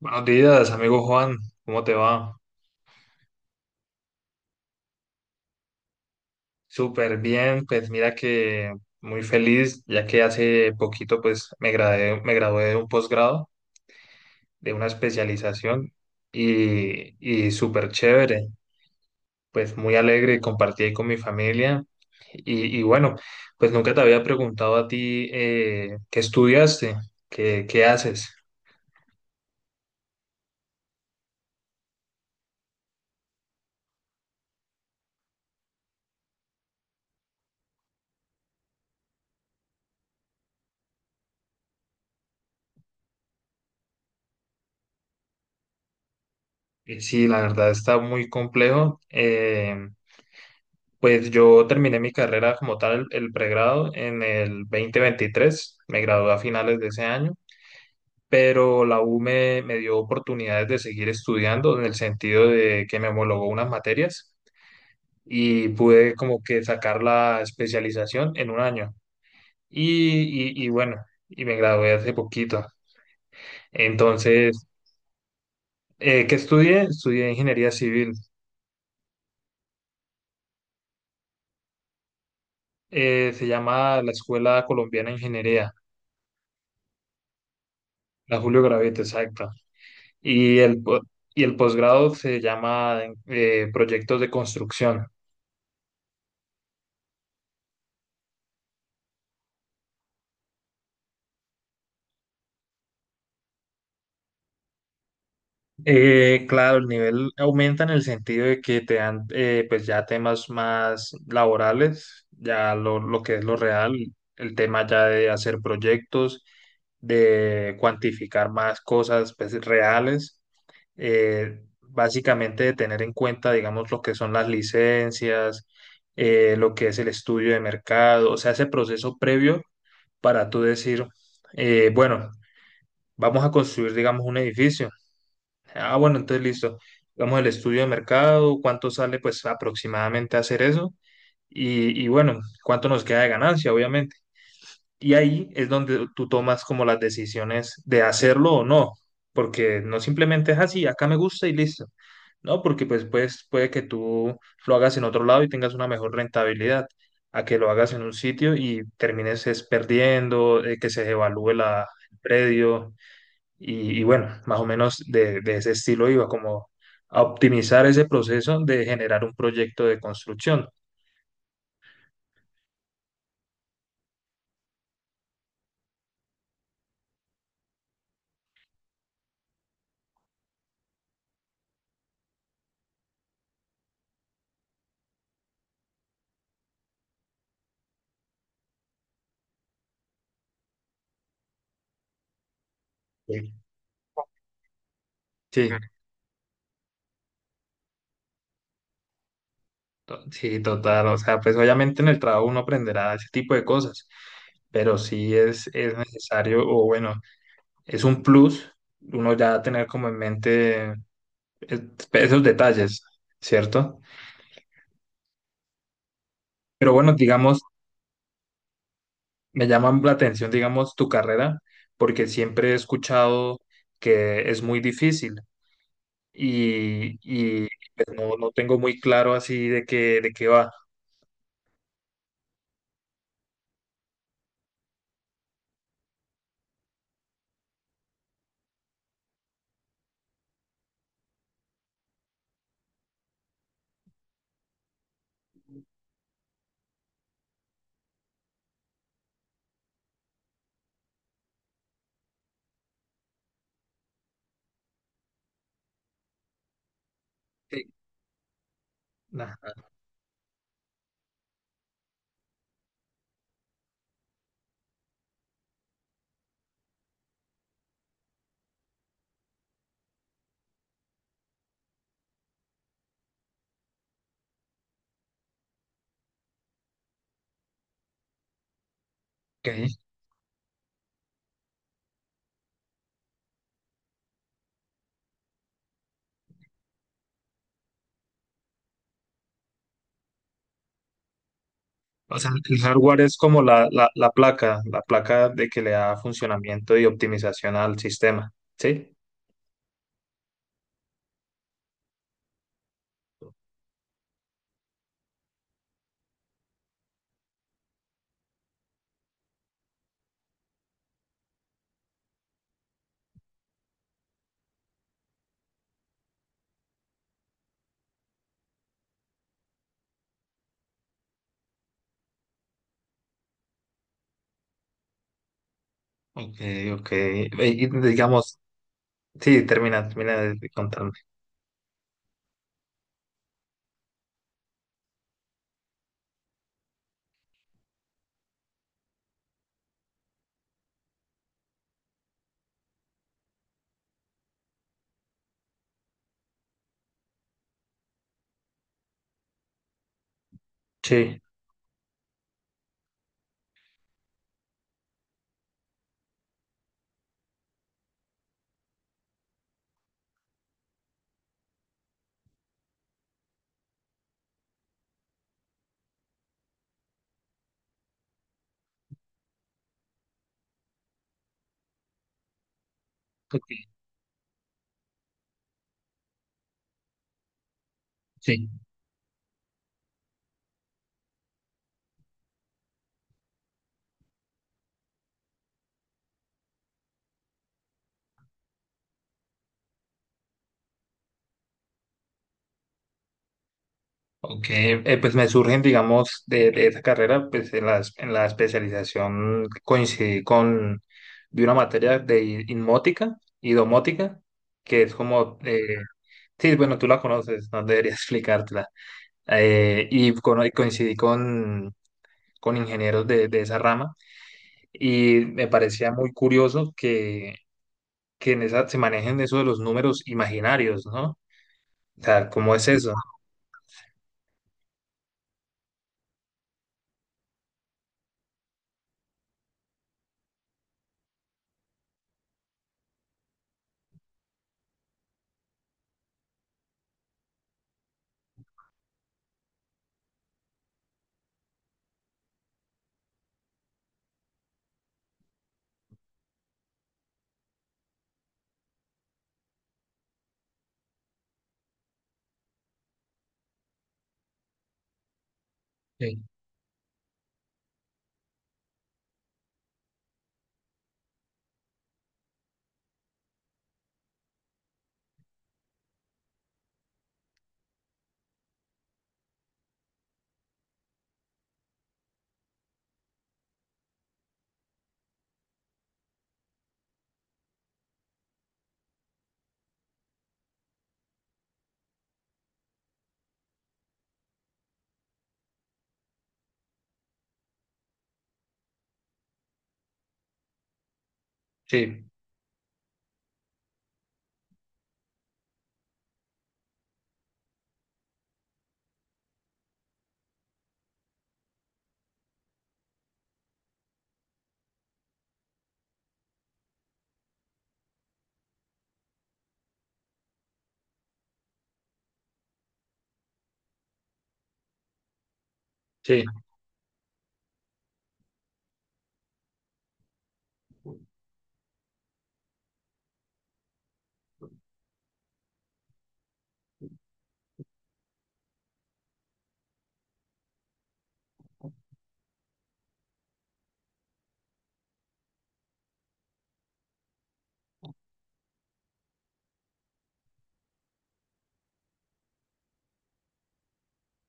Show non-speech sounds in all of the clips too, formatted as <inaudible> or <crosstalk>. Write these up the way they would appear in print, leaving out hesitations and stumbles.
Buenos días, amigo Juan, ¿cómo te va? Súper bien, pues mira que muy feliz, ya que hace poquito pues me gradué de un posgrado, de una especialización y, y súper chévere, pues muy alegre, compartí ahí con mi familia y bueno, pues nunca te había preguntado a ti qué estudiaste, qué haces. Y sí, la verdad está muy complejo. Pues yo terminé mi carrera como tal, pregrado, en el 2023, me gradué a finales de ese año, pero la U me dio oportunidades de seguir estudiando en el sentido de que me homologó unas materias y pude como que sacar la especialización en un año. Y bueno, y me gradué hace poquito. Entonces, ¿qué estudié? Estudié ingeniería civil. Se llama la Escuela Colombiana de Ingeniería, la Julio Gravete, exacta. Y y el posgrado se llama proyectos de construcción. Claro, el nivel aumenta en el sentido de que te dan pues ya temas más laborales, ya lo que es lo real, el tema ya de hacer proyectos, de cuantificar más cosas pues, reales, básicamente de tener en cuenta, digamos, lo que son las licencias, lo que es el estudio de mercado, o sea, ese proceso previo para tú decir, bueno, vamos a construir, digamos, un edificio. Ah, bueno, entonces listo. Vamos al estudio de mercado, cuánto sale pues aproximadamente hacer eso y bueno, cuánto nos queda de ganancia, obviamente. Y ahí es donde tú tomas como las decisiones de hacerlo o no, porque no simplemente es así, acá me gusta y listo. No, porque pues puede que tú lo hagas en otro lado y tengas una mejor rentabilidad, a que lo hagas en un sitio y termines es perdiendo, que se devalúe el predio. Y bueno, más o menos de ese estilo iba, como a optimizar ese proceso de generar un proyecto de construcción. Sí. Sí, sí, total. O sea, pues obviamente en el trabajo uno aprenderá ese tipo de cosas, pero sí es necesario, o bueno, es un plus uno ya tener como en mente esos detalles, ¿cierto? Pero bueno, digamos, me llama la atención, digamos, tu carrera, porque siempre he escuchado que es muy difícil y, y, pues, no tengo muy claro así de qué va. Sí. Ajá, ok. O sea, el hardware es como la placa de que le da funcionamiento y optimización al sistema, ¿sí? Ok, ok. Y digamos, sí, termina, termina de contarme. Sí, ok, sí. Ok, pues me surgen, digamos, de esa carrera, pues en en la especialización de una materia de inmótica y domótica, que es como, sí, bueno, tú la conoces, no debería <laughs> explicártela. Y coincidí con ingenieros de esa rama y me parecía muy curioso que en esa, se manejen eso de los números imaginarios, ¿no? O sea, ¿cómo es eso? Sí, sí, sí,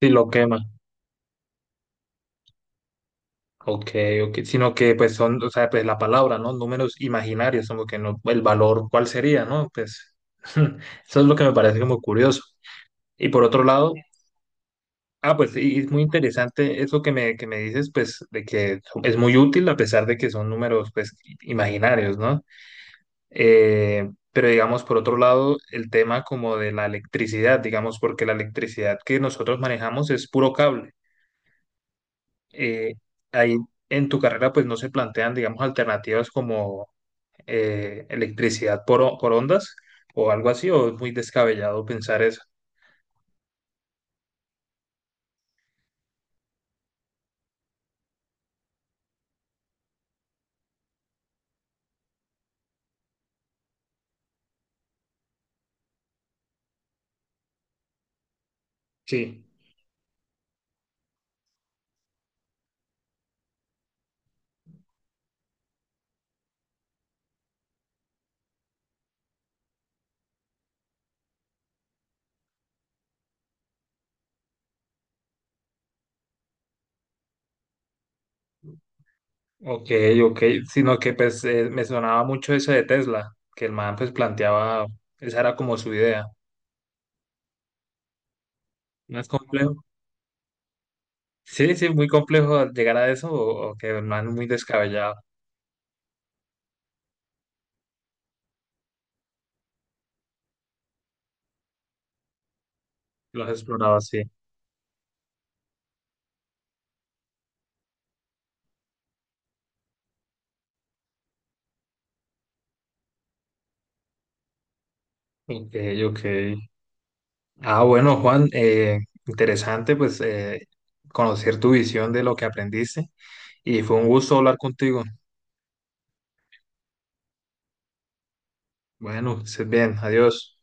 sí, lo quema. Ok, ok, sino que pues son, o sea, pues la palabra, ¿no? Números imaginarios, como que no, el valor, ¿cuál sería, no? Pues <laughs> eso es lo que me parece como curioso. Y por otro lado, ah, pues sí, es muy interesante eso que que me dices, pues de que es muy útil a pesar de que son números, pues, imaginarios, ¿no? Pero digamos, por otro lado, el tema como de la electricidad, digamos, porque la electricidad que nosotros manejamos es puro cable. Eh, ahí en tu carrera, pues, no se plantean, digamos, alternativas como electricidad por ondas o algo así, o es muy descabellado pensar eso. Sí. Ok, ok, sino que pues me sonaba mucho eso de Tesla, que el man pues planteaba, esa era como su idea. ¿No es complejo? Sí, sí, muy complejo llegar a eso o que el man muy descabellado lo has explorado así. Ok, ok. Ah, bueno, Juan, interesante pues conocer tu visión de lo que aprendiste y fue un gusto hablar contigo. Bueno, que estés bien, adiós.